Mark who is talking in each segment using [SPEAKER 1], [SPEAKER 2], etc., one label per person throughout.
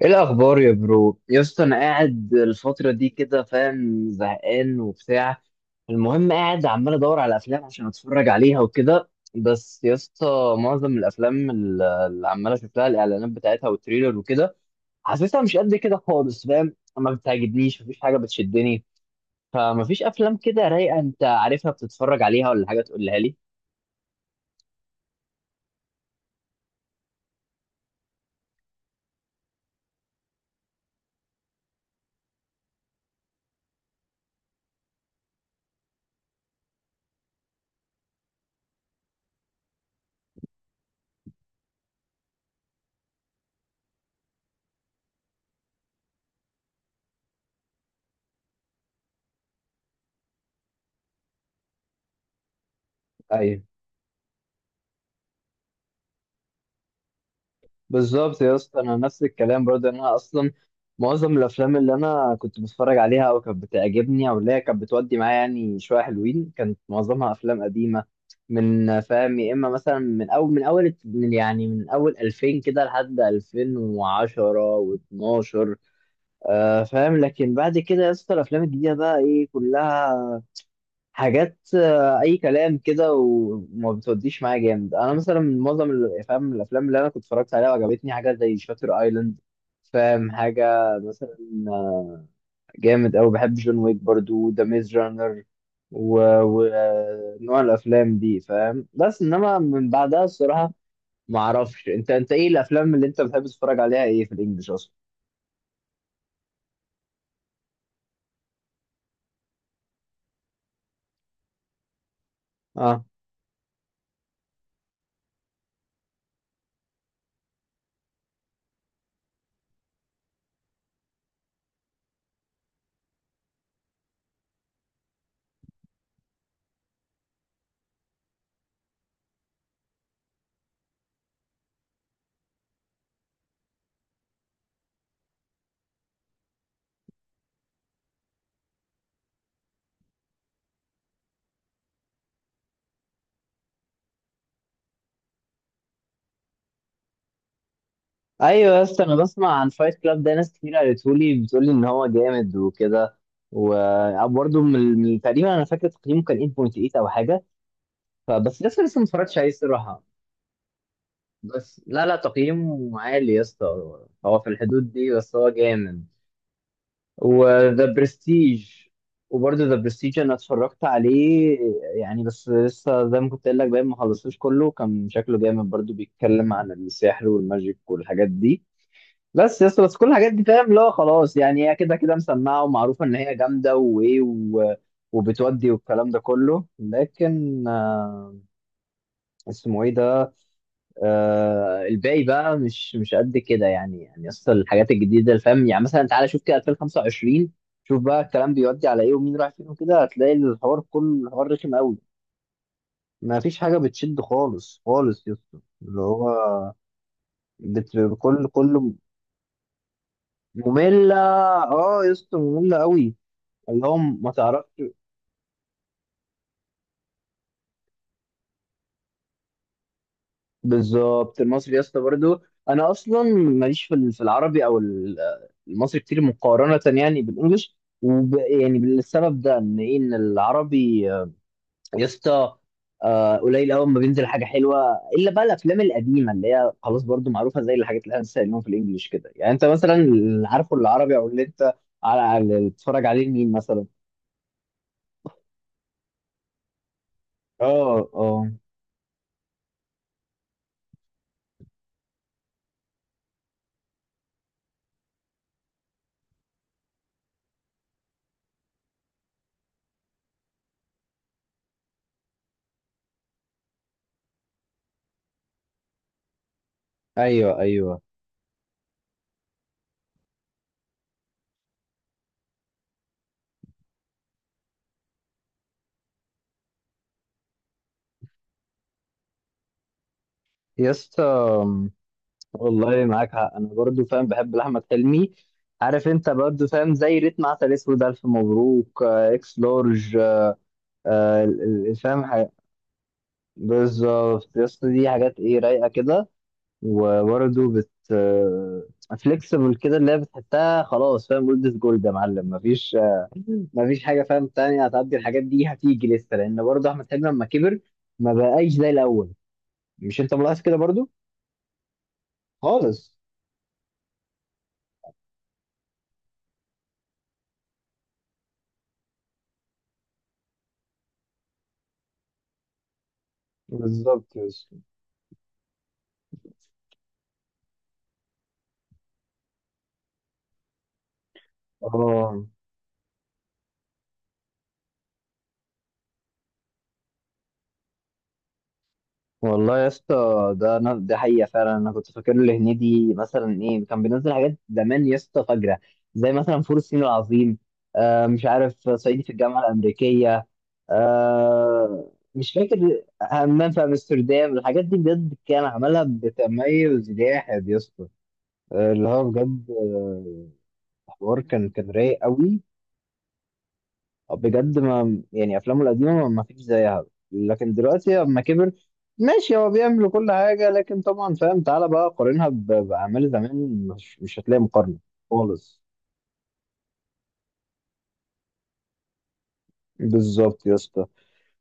[SPEAKER 1] ايه الاخبار يا برو يا اسطى؟ انا قاعد الفتره دي كده فاهم زهقان وبتاع. المهم قاعد عمال ادور على افلام عشان اتفرج عليها وكده. بس يا اسطى معظم الافلام اللي عمال اشوف لها الاعلانات بتاعتها والتريلر وكده، حاسسها مش قد كده خالص فاهم، ما بتعجبنيش، مفيش حاجه بتشدني. فمفيش افلام كده رايقه انت عارفها بتتفرج عليها ولا حاجه تقولها لي؟ ايوه بالظبط يا اسطى، انا نفس الكلام برضه، إن انا اصلا معظم الافلام اللي انا كنت بتفرج عليها او كانت بتعجبني او اللي هي كانت بتودي معايا يعني شويه حلوين، كانت معظمها افلام قديمه، من فاهم يا اما مثلا من اول 2000 كده لحد 2010 و12. آه فاهم، لكن بعد كده يا اسطى الافلام الجديده بقى ايه؟ كلها حاجات اي كلام كده وما بتوديش معايا جامد. انا مثلا معظم فاهم الافلام اللي انا كنت اتفرجت عليها وعجبتني حاجه زي شاتر ايلاند، فاهم حاجه مثلا. آه، جامد أوي، بحب جون ويك برضو، ذا ميز رانر، ونوع الافلام دي فاهم، بس انما من بعدها الصراحه ما اعرفش. انت ايه الافلام اللي انت بتحب تتفرج عليها، ايه في الانجليش اصلا؟ ايوه، بس انا بسمع عن فايت كلاب ده، ناس كتير قالتهولي بتقولي ان هو جامد وكده. وبرضه تقريبا انا فاكر تقييمه كان 8.8 او حاجه، فبس لسه ما اتفرجتش عليه الصراحه. بس لا تقييمه عالي يا اسطى، هو في الحدود دي، بس هو جامد. وذا برستيج، وبرضه ذا برستيج انا اتفرجت عليه يعني، بس لسه زي ما كنت قايل لك باين ما خلصتوش كله. كان شكله جامد برضه، بيتكلم عن السحر والماجيك والحاجات دي. بس يا اسطى بس كل الحاجات دي فاهم لا خلاص، يعني هي كده كده مسمعه ومعروفه ان هي جامده وايه وبتودي والكلام ده كله، لكن آه اسمه ايه ده؟ آه الباقي بقى مش قد كده يعني. يعني اصل الحاجات الجديده اللي فاهم، يعني مثلا تعالى شوف كده 2025، شوف بقى الكلام بيودي على ايه ومين رايح فين وكده، هتلاقي الحوار كله، الحوار رخم قوي. ما فيش حاجه بتشد خالص خالص يا اسطى، اللي هو بت... كله ممله. اه يا اسطى ممله قوي، اللي هو ما تعرفش. بالظبط المصري يا اسطى برضه، انا اصلا ماليش في في العربي او المصري كتير، مقارنه يعني بالانجلش، يعني بالسبب ده ان ايه، ان العربي يا اسطى قليل قوي ما بينزل حاجه حلوه، الا بقى الافلام القديمه اللي هي خلاص برضه معروفه زي الحاجات اللي احنا لسه قايلينهم في الانجليش كده. يعني انت مثلا اللي عارفه العربي او اللي انت اللي بتتفرج عليه مين مثلا؟ اه اه. ايوه ايوه يا اسطى، والله معاك حق، انا برضو فاهم بحب لاحمد حلمي، عارف، انت برضو فاهم زي ريتم، عسل اسود، الف مبروك، اكس لارج، فاهم حاجة. بالظبط يا اسطى، دي حاجات ايه، رايقه كده، وبرضو فليكسبل كده، اللي هي بتحسها خلاص فاهم، جولد، جولد يا معلم، مفيش مفيش حاجه فاهم تانية هتعدي الحاجات دي، هتيجي لسه. لان برضو احمد حلمي لما كبر ما بقاش زي الاول، مش انت ملاحظ كده برضو؟ خالص. بالظبط يا اسطى. اه والله يا اسطى، ده انا ده حقيقه فعلا، انا كنت فاكر له هنيدي مثلا ايه، كان بينزل حاجات زمان يا اسطى فجره، زي مثلا فول الصين العظيم، آه مش عارف صعيدي في الجامعه الامريكيه، آه مش فاكر، همام في امستردام، الحاجات دي بجد كان عملها بتميز جاحد يا اسطى. اللي هو بجد، حوار كان رايق قوي بجد، ما يعني افلامه القديمه ما فيش زيها، لكن دلوقتي اما كبر ماشي هو بيعمل كل حاجه، لكن طبعا فاهم تعالى بقى قارنها باعمال زمان، مش هتلاقي مقارنه خالص. بالظبط يا اسطى،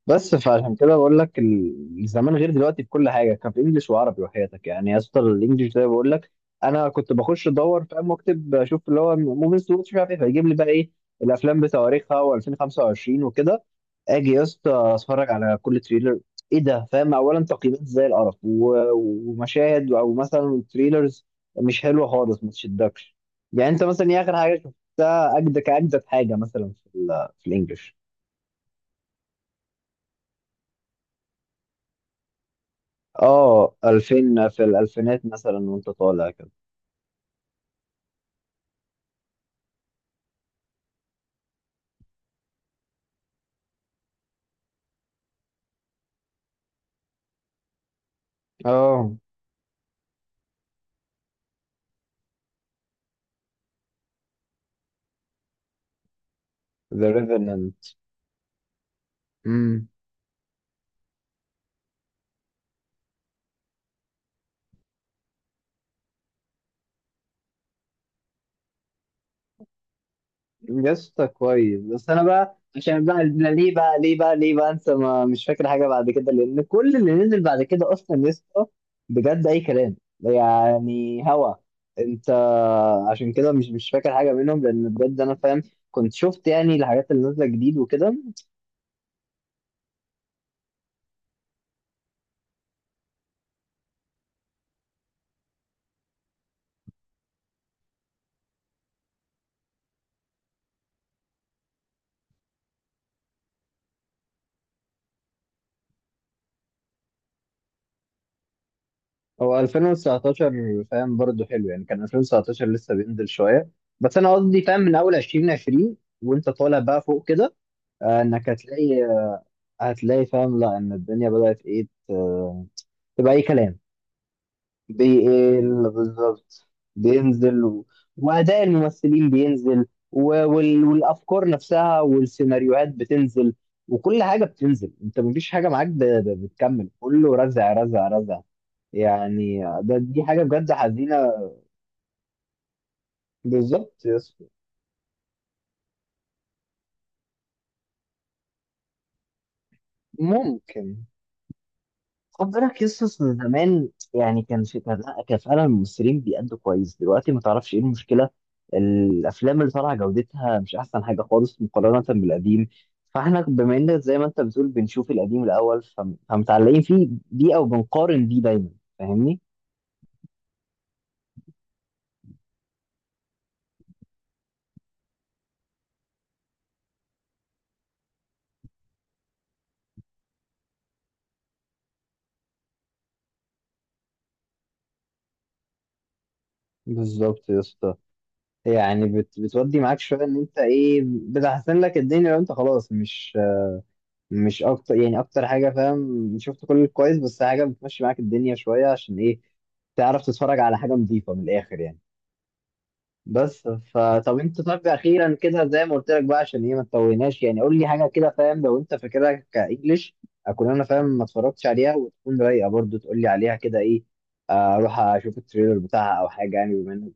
[SPEAKER 1] بس فعشان كده بقول لك زمان غير دلوقتي في كل حاجه، كان في انجلش وعربي وحياتك يعني يا اسطى. الانجليش ده بقول لك انا كنت بخش ادور فاهم واكتب اشوف اللي هو موفيز واتش مش عارف ايه، فيجيب لي بقى ايه الافلام بتواريخها و2025 وكده. اجي يا اسطى اتفرج على كل تريلر، ايه ده فاهم، اولا تقييمات زي القرف ومشاهد او مثلا تريلرز مش حلوه خالص ما تشدكش. يعني انت مثلا ايه اخر حاجه شفتها، اجدد حاجه مثلا في في الانجليش؟ اه 2000 في الالفينات مثلا وانت طالع كده. اه ذا ريفننت، امم، قصة كويس. بس انا بقى عشان بقى أنا ليه بقى انسى، ما مش فاكر حاجه بعد كده، لان كل اللي نزل بعد كده اصلا يسطا بجد اي كلام يعني. هوا انت عشان كده مش فاكر حاجه منهم، لان بجد انا فاهم كنت شفت يعني الحاجات اللي نازله جديد وكده. هو 2019 فاهم برضه حلو يعني، كان 2019 لسه بينزل شويه، بس انا قصدي فاهم من اول 2020 وانت طالع بقى فوق كده انك هتلاقي، هتلاقي فاهم لا ان الدنيا بدات ايه تبقى اي كلام، بيقل بالظبط، بينزل واداء الممثلين بينزل والافكار نفسها والسيناريوهات بتنزل وكل حاجه بتنزل، انت مفيش حاجه معاك بتكمل، كله رزع رزع رزع، يعني دي حاجه بجد حزينه. بالظبط يا اسطى ممكن. خد بالك يا اسطى أصل زمان، يعني كان في لأ، كان فعلا الممثلين بيأدوا كويس، دلوقتي ما تعرفش ايه المشكله، الافلام اللي طالعه جودتها مش احسن حاجه خالص مقارنه بالقديم، فاحنا بما ان زي ما انت بتقول بنشوف القديم الاول فمتعلقين فيه بيه او بنقارن بيه دايما، فاهمني. بالظبط يا اسطى، يعني بتودي معاك شويه ان انت ايه، بتحسن لك الدنيا لو انت خلاص، مش اكتر يعني، اكتر حاجه فاهم شفت كل الكويس، بس حاجه بتمشي معاك الدنيا شويه عشان ايه، تعرف تتفرج على حاجه نظيفه من الاخر يعني. بس فطب انت طب اخيرا كده زي ما قلت لك بقى، عشان ايه ما تطولناش يعني، قول لي حاجه كده فاهم لو انت فاكرها كانجليش، اكون انا فاهم ما اتفرجتش عليها وتكون رايقه برضو، تقول لي عليها كده ايه، اروح اشوف التريلر بتاعها او حاجه، يعني بما انك.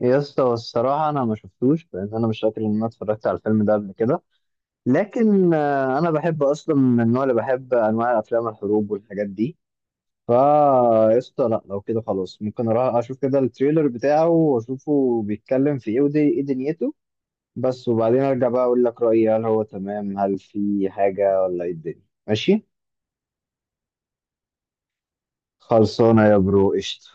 [SPEAKER 1] يا اسطى الصراحه انا ما شفتوش، لان انا مش فاكر ان انا اتفرجت على الفيلم ده قبل كده، لكن انا بحب اصلا من النوع، اللي بحب انواع افلام الحروب والحاجات دي، فا قشطة. لا لو كده خلاص ممكن اروح اشوف كده التريلر بتاعه واشوفه بيتكلم في ايه ودي ايه دنيته، بس وبعدين ارجع بقى اقول لك رأيي، هل هو تمام، هل في حاجة، ولا ايه الدنيا ماشي. خلصانة يا برو قشطة.